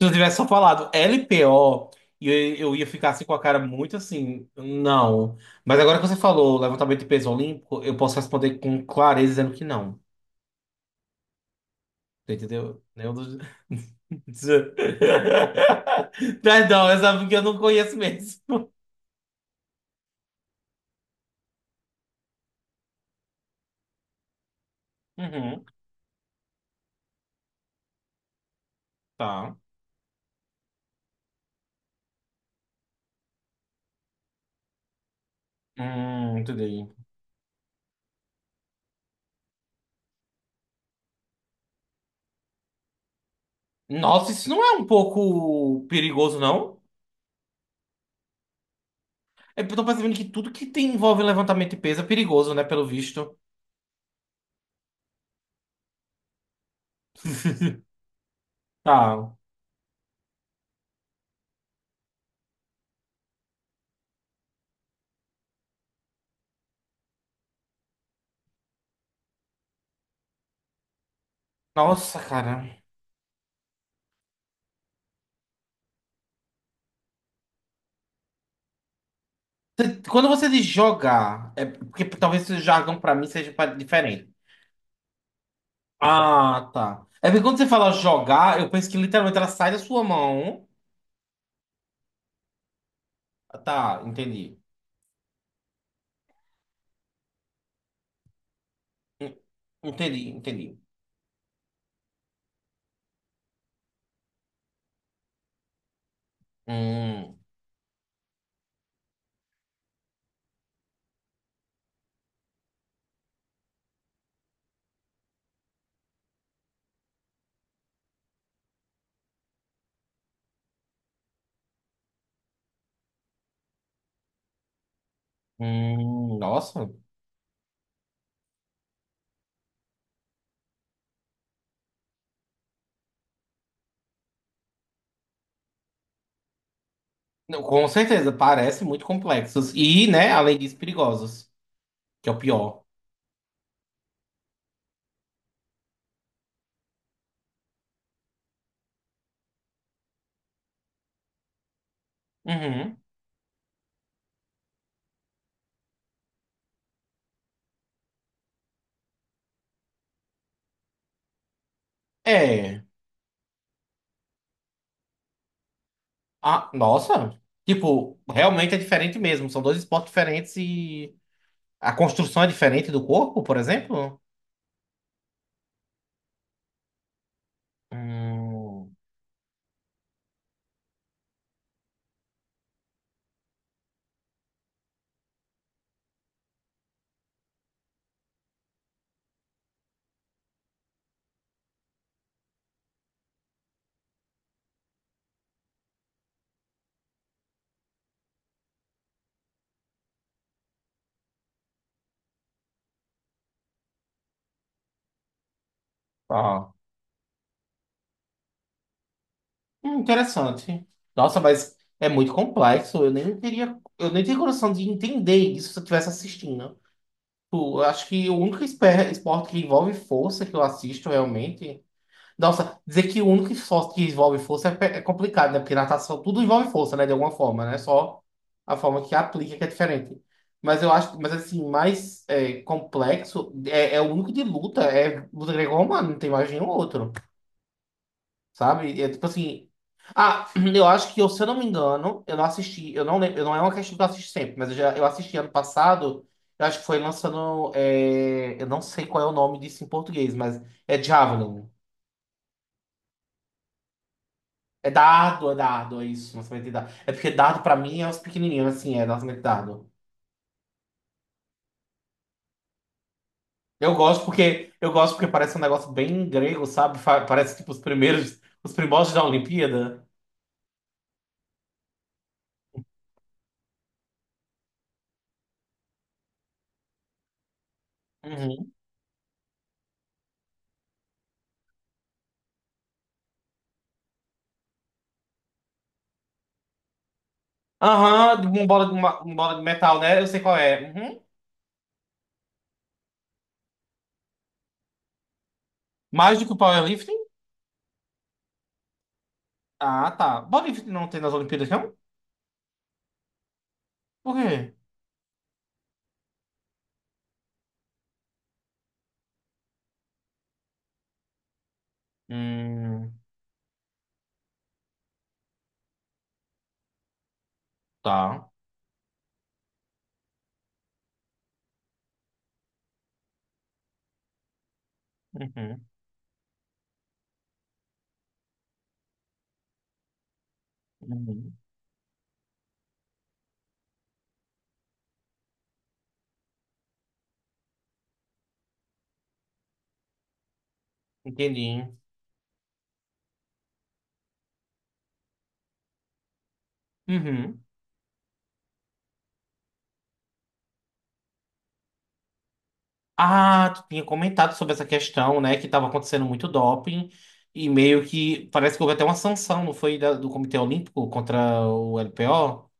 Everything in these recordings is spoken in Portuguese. Se eu tivesse só falado LPO, eu, eu ia ficar assim com a cara muito assim, não. Mas agora que você falou levantamento de peso olímpico, eu posso responder com clareza dizendo que não. Você entendeu? Eu não- Perdão, essa é porque eu não conheço mesmo. Uhum, tá. Entendi. Nossa, isso não é um pouco perigoso, não? É, eu tô percebendo que tudo que envolve levantamento de peso é perigoso, né? Pelo visto. Tá. Nossa, cara. Quando você diz jogar, é porque talvez o jargão pra mim seja diferente. Ah, tá. É porque quando você fala jogar, eu penso que literalmente ela sai da sua mão. Ah, tá, entendi. En- Entendi, Hum, hum, nossa. Não, com certeza, parece muito complexos. E, né, além disso, perigosos, que é o pior. Uhum. É. Ah, nossa. Tipo, realmente é diferente mesmo. São dois esportes diferentes e a construção é diferente do corpo, por exemplo? Hum, tá. Interessante. Nossa, mas é muito complexo. Eu nem teria coração de entender isso se eu estivesse assistindo. Tipo, eu acho que o único esporte que envolve força que eu assisto realmente. Nossa, dizer que o único esporte que envolve força é complicado, né? Porque natação tudo envolve força, né? De alguma forma, né? Só a forma que aplica que é diferente. Mas eu acho, mas assim, complexo é, é o único de luta, é luta greco-romana, não tem mais nenhum outro. Sabe? É tipo assim. Ah, eu acho eu, se eu não me engano, eu não assisti, eu não lembro, eu não é uma questão que eu assisto sempre, mas eu assisti ano passado, eu acho que foi lançando. É, eu não sei qual é o nome disso em português, mas é Javelin. É dardo, é dardo, é isso, lançamento de dardo. É porque dardo pra mim é os pequenininhos, assim, é lançamento de dardo. Eu gosto porque parece um negócio bem grego, sabe? Parece tipo os primórdios da Olimpíada. Uhum. Aham, de uma uma bola de metal, né? Eu sei qual é. Uhum. Mais do que o powerlifting? Ah, tá. Bodyfit não tem nas Olimpíadas, não? Por quê? Hum, tá. Uhum, uhum. Entendi. Uhum. Ah, tu tinha comentado sobre essa questão, né? Que estava acontecendo muito doping e meio que parece que houve até uma sanção, não foi? Do Comitê Olímpico contra o LPO?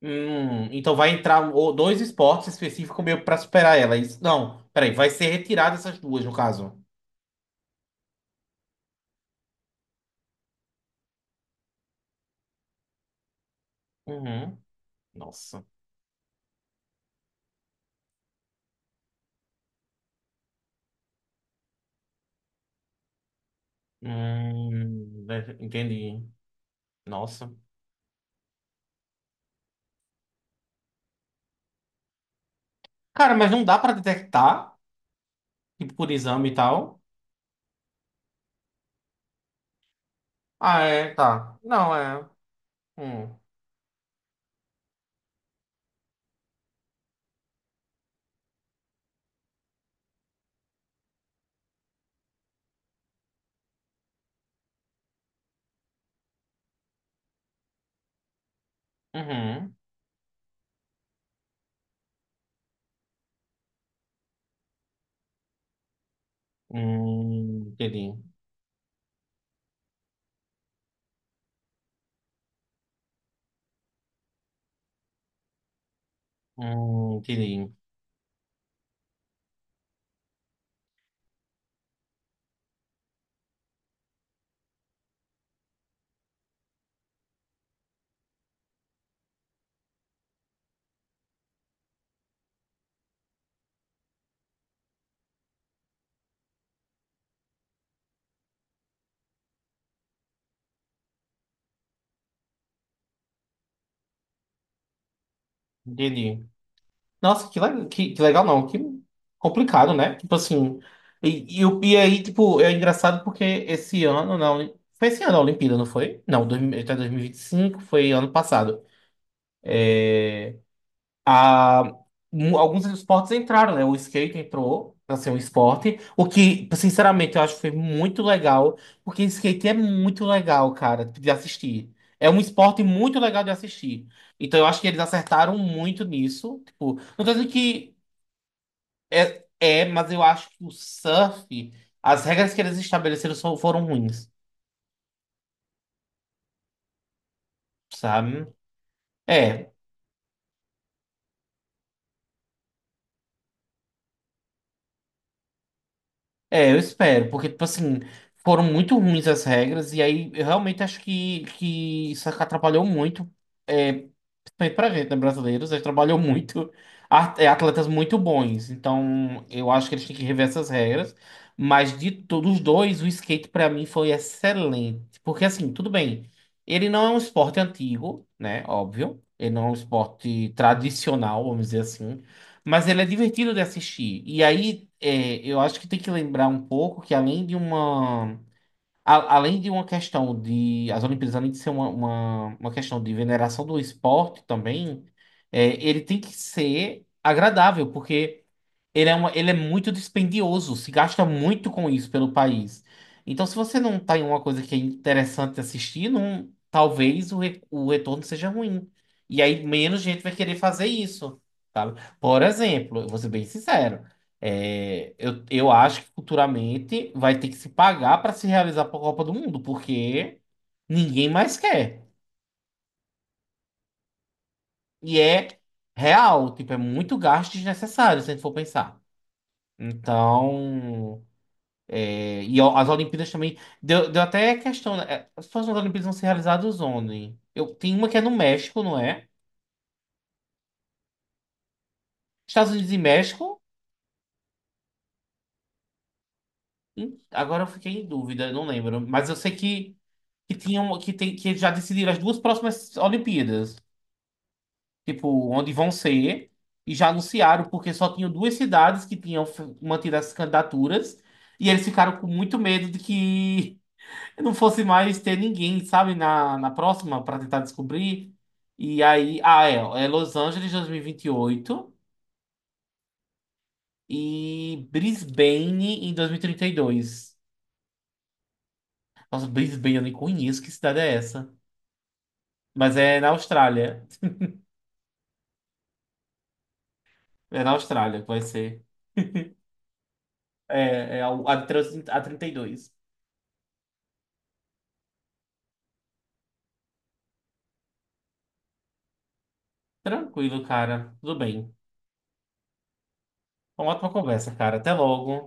Então vai entrar dois esportes específicos meio para superar ela. É isso, não, peraí, vai ser retirada essas duas, no caso. Uhum. Nossa. Hum, entendi. Nossa. Cara, mas não dá pra detectar, tipo, por exame e tal. Ah, é, tá. Não, é. Hum. Uhum. Entendi. Entendi. Entendi. Nossa, que legal, não. Que complicado, né? Tipo assim. E aí, tipo, é engraçado porque esse ano, não. Foi esse ano a Olimpíada, não foi? Não, até 2025, foi ano passado. a- Alguns esportes entraram, né? O skate entrou para ser um esporte, o que, sinceramente, eu acho que foi muito legal, porque skate é muito legal, cara, de assistir. É um esporte muito legal de assistir. Então eu acho que eles acertaram muito nisso. Tipo, não tô dizendo que mas eu acho que o surf, as regras que eles estabeleceram só foram ruins, sabe? É, É, eu espero, porque, tipo assim, foram muito ruins as regras, e aí eu realmente acho que isso atrapalhou muito é, feito pra gente, né? Brasileiros, eles trabalham muito, é, atletas muito bons. Então, eu acho que eles têm que rever essas regras. Mas de todos os dois, o skate pra mim foi excelente. Porque, assim, tudo bem, ele não é um esporte antigo, né? Óbvio. Ele não é um esporte tradicional, vamos dizer assim. Mas ele é divertido de assistir. E aí, é, eu acho que tem que lembrar um pouco que, além de uma questão de. As Olimpíadas, além de ser uma questão de veneração do esporte também, é, ele tem que ser agradável, porque ele é muito dispendioso, se gasta muito com isso pelo país. Então, se você não tá em uma coisa que é interessante assistir, não, talvez o retorno seja ruim. E aí menos gente vai querer fazer isso, sabe? Por exemplo, eu vou ser bem sincero. Eu acho que futuramente vai ter que se pagar para se realizar a Copa do Mundo, porque ninguém mais quer. E é real, tipo, é muito gasto desnecessário, se a gente for pensar. Então, é, e ó, as Olimpíadas também. Deu até questão. Né? É, as próximas Olimpíadas vão ser realizadas onde? Eu, tem uma que é no México, não é? Estados Unidos e México? Agora eu fiquei em dúvida, não lembro. Mas eu sei tem, que já decidiram as duas próximas Olimpíadas. Tipo, onde vão ser, e já anunciaram, porque só tinham duas cidades que tinham mantido essas candidaturas, e eles ficaram com muito medo de que não fosse mais ter ninguém, sabe, na próxima, para tentar descobrir. E aí, ah, é, é Los Angeles dois mil e vinte e oito e Brisbane em dois mil e trinta e dois. Nossa, Brisbane, eu nem conheço que cidade é essa. Mas é na Austrália. É na Austrália que vai ser. É, a trinta e dois. Tranquilo, cara. Tudo bem. Uma ótima conversa, cara. Até logo.